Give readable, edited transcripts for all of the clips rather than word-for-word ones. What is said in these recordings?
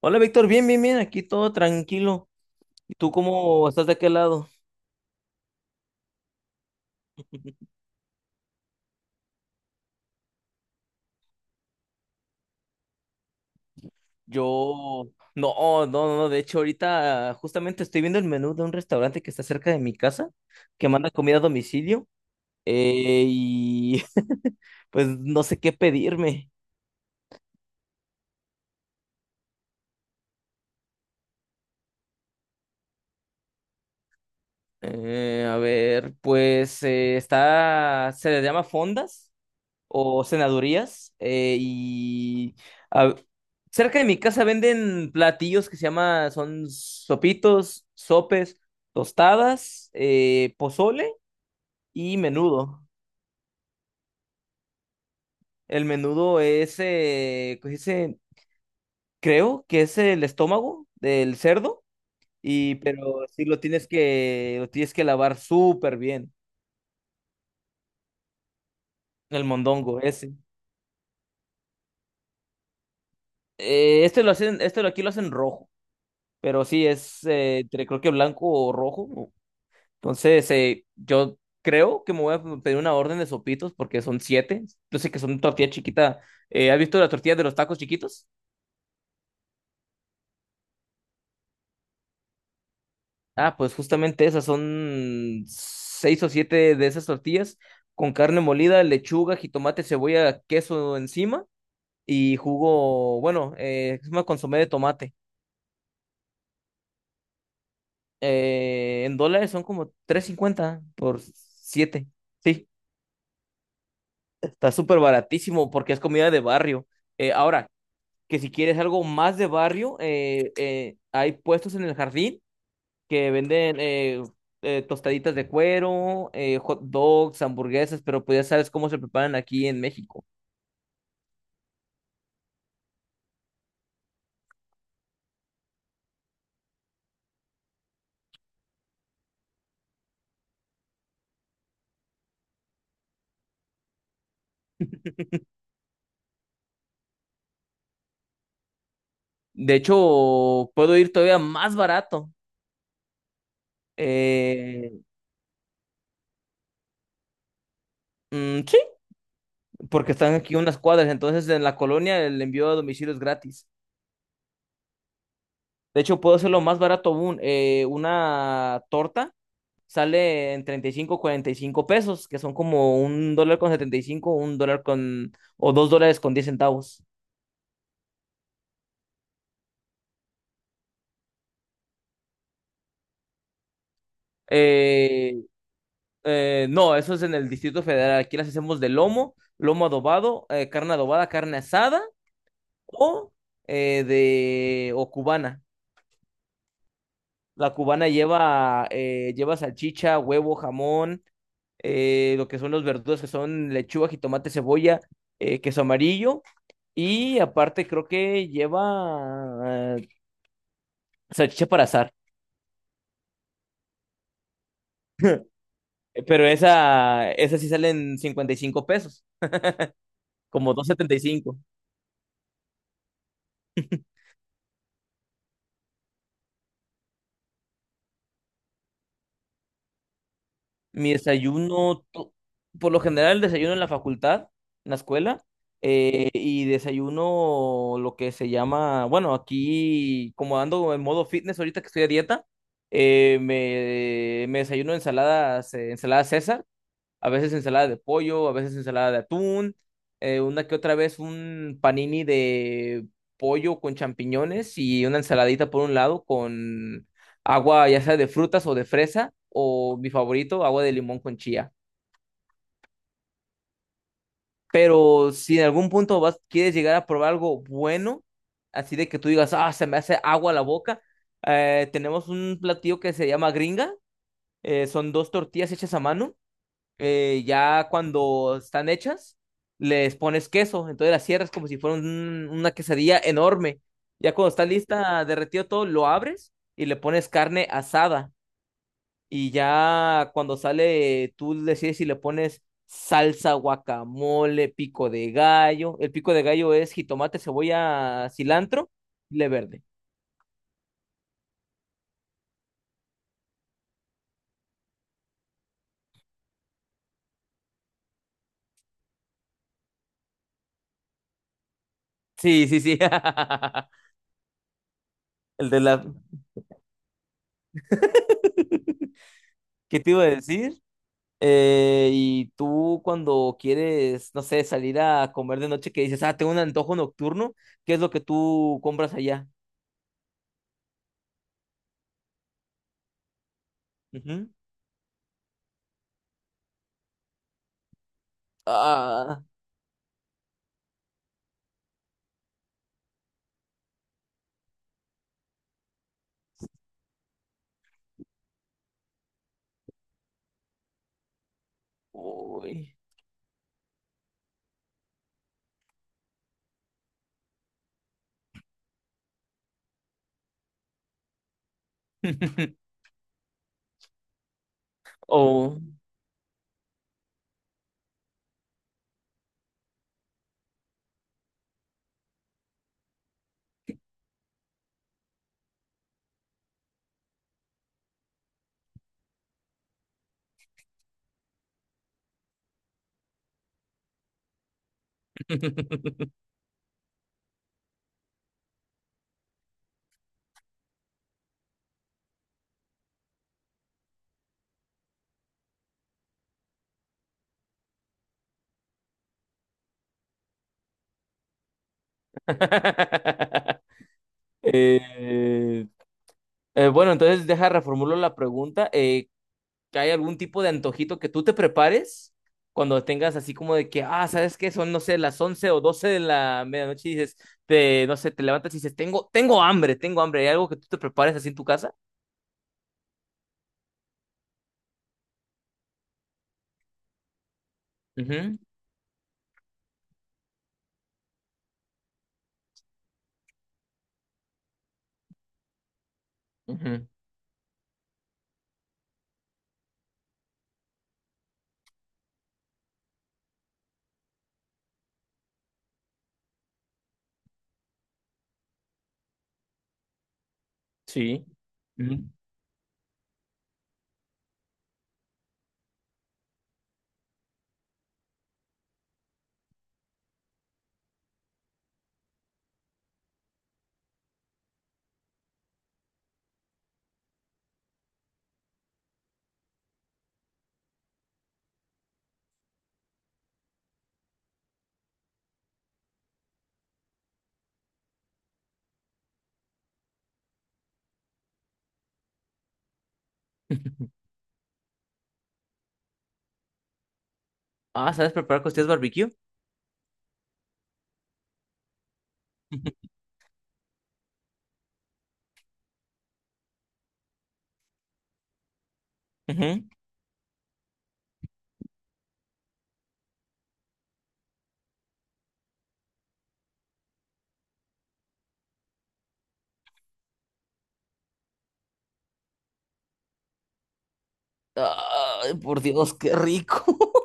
Hola Víctor, bien, bien, bien, aquí todo tranquilo. ¿Y tú cómo estás de aquel lado? Yo, no, no, no, de hecho ahorita justamente estoy viendo el menú de un restaurante que está cerca de mi casa, que manda comida a domicilio, y pues no sé qué pedirme. A ver, pues está, se le llama fondas o senadurías. Y a- cerca de mi casa venden platillos que se llama, son sopitos, sopes, tostadas, pozole y menudo. El menudo es, ¿cómo se dice? Creo que es el estómago del cerdo, y pero sí lo tienes que lavar súper bien, el mondongo ese. Este lo hacen, este lo Aquí lo hacen rojo, pero sí es, creo que blanco o rojo. Entonces, yo creo que me voy a pedir una orden de sopitos porque son siete. Yo sé que son tortilla chiquita. ¿Has visto las tortillas de los tacos chiquitos? Ah, pues justamente esas son seis o siete de esas tortillas con carne molida, lechuga, jitomate, cebolla, queso encima y jugo, bueno, es una consomé de tomate. En dólares son como 3.50 por siete. Sí, está súper baratísimo porque es comida de barrio. Ahora, que si quieres algo más de barrio, hay puestos en el jardín que venden tostaditas de cuero, hot dogs, hamburguesas, pero pues ya sabes cómo se preparan aquí en México. De hecho, puedo ir todavía más barato. Eh, mm, sí, porque están aquí unas cuadras, entonces en la colonia el envío a domicilio es gratis. De hecho, puedo hacerlo más barato aún, una torta sale en 35 45 pesos, que son como $1.75, o $2.10. Eh, no, eso es en el Distrito Federal. Aquí las hacemos de lomo, lomo adobado, carne adobada, carne asada o de o cubana. La cubana lleva salchicha, huevo, jamón, lo que son los verduras, que son lechuga, jitomate, cebolla, queso amarillo. Y aparte creo que lleva eh, salchicha para azar. Pero esa sí sale en 55 pesos, como 2.75. Mi desayuno, por lo general, desayuno en la facultad, en la escuela, y desayuno lo que se llama, bueno, aquí, como ando en modo fitness ahorita que estoy a dieta. Me desayuno ensaladas, ensalada César, a veces ensalada de pollo, a veces ensalada de atún, una que otra vez un panini de pollo con champiñones y una ensaladita por un lado con agua ya sea de frutas o de fresa o mi favorito, agua de limón con chía. Pero si en algún punto vas, quieres llegar a probar algo bueno, así de que tú digas, ah, se me hace agua la boca, tenemos un platillo que se llama gringa, son dos tortillas hechas a mano, ya cuando están hechas, les pones queso, entonces las cierras como si fuera una quesadilla enorme. Ya cuando está lista, derretido todo, lo abres y le pones carne asada. Y ya cuando sale, tú decides si le pones salsa, guacamole, pico de gallo. El pico de gallo es jitomate, cebolla, cilantro, le verde. Sí, sí, sí. El de la... ¿Qué te iba a decir? Y tú cuando quieres, no sé, salir a comer de noche, que dices, ah, tengo un antojo nocturno, ¿qué es lo que tú compras allá? Ujú. Ah, uy. Oh. Eh, bueno, entonces deja reformulo la pregunta. Que hay algún tipo de antojito que tú te prepares cuando tengas así como de que, ah, ¿sabes qué? Son, no sé, las 11 o 12 de la medianoche y dices, no sé, te levantas y dices, tengo hambre, tengo hambre. ¿Hay algo que tú te prepares así en tu casa? Ujú, ujú, sí. Ujú. Ah, ¿sabes preparar costillas barbecue? Ujú. Ay, por Dios, qué rico.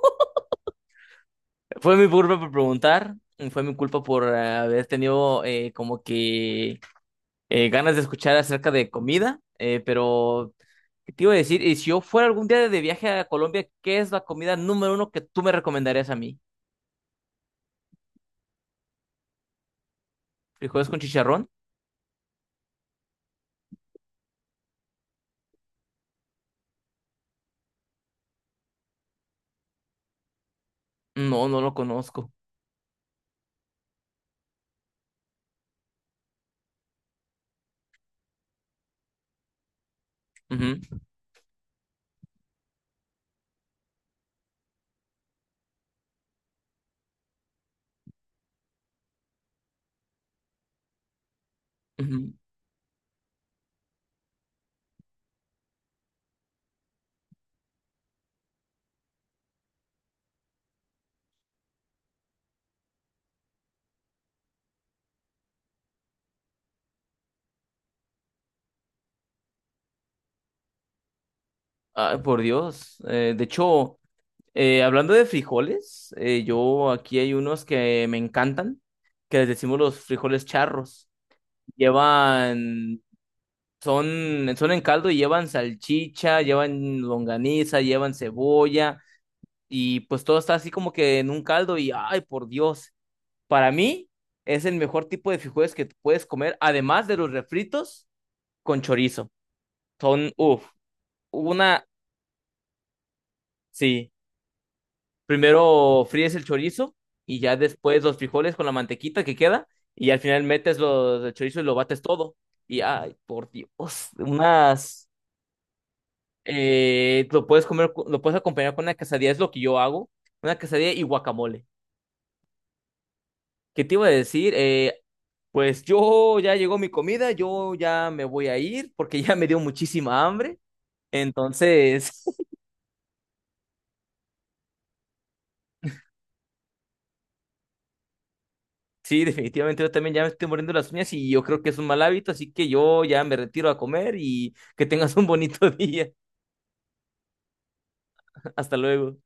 Fue mi culpa por preguntar, fue mi culpa por haber tenido como que ganas de escuchar acerca de comida, pero ¿qué te iba a decir? Y si yo fuera algún día de viaje a Colombia, ¿qué es la comida número uno que tú me recomendarías a mí? ¿Frijoles con chicharrón? No, no lo conozco. Ujú, ujú. Ay, por Dios. De hecho, hablando de frijoles, yo aquí hay unos que me encantan, que les decimos los frijoles charros. Llevan, son en caldo y llevan salchicha, llevan longaniza, llevan cebolla y pues todo está así como que en un caldo y ay, por Dios, para mí es el mejor tipo de frijoles que tú puedes comer, además de los refritos con chorizo. Son, uff, una, sí, primero fríes el chorizo y ya después los frijoles con la mantequita que queda y al final metes el chorizo y lo bates todo. Y ay, por Dios, unas, lo puedes comer, lo puedes acompañar con una quesadilla, es lo que yo hago, una quesadilla y guacamole. ¿Qué te iba a decir? Pues yo ya llegó mi comida, yo ya me voy a ir porque ya me dio muchísima hambre. Entonces, sí, definitivamente yo también ya me estoy muriendo las uñas y yo creo que es un mal hábito, así que yo ya me retiro a comer y que tengas un bonito día. Hasta luego.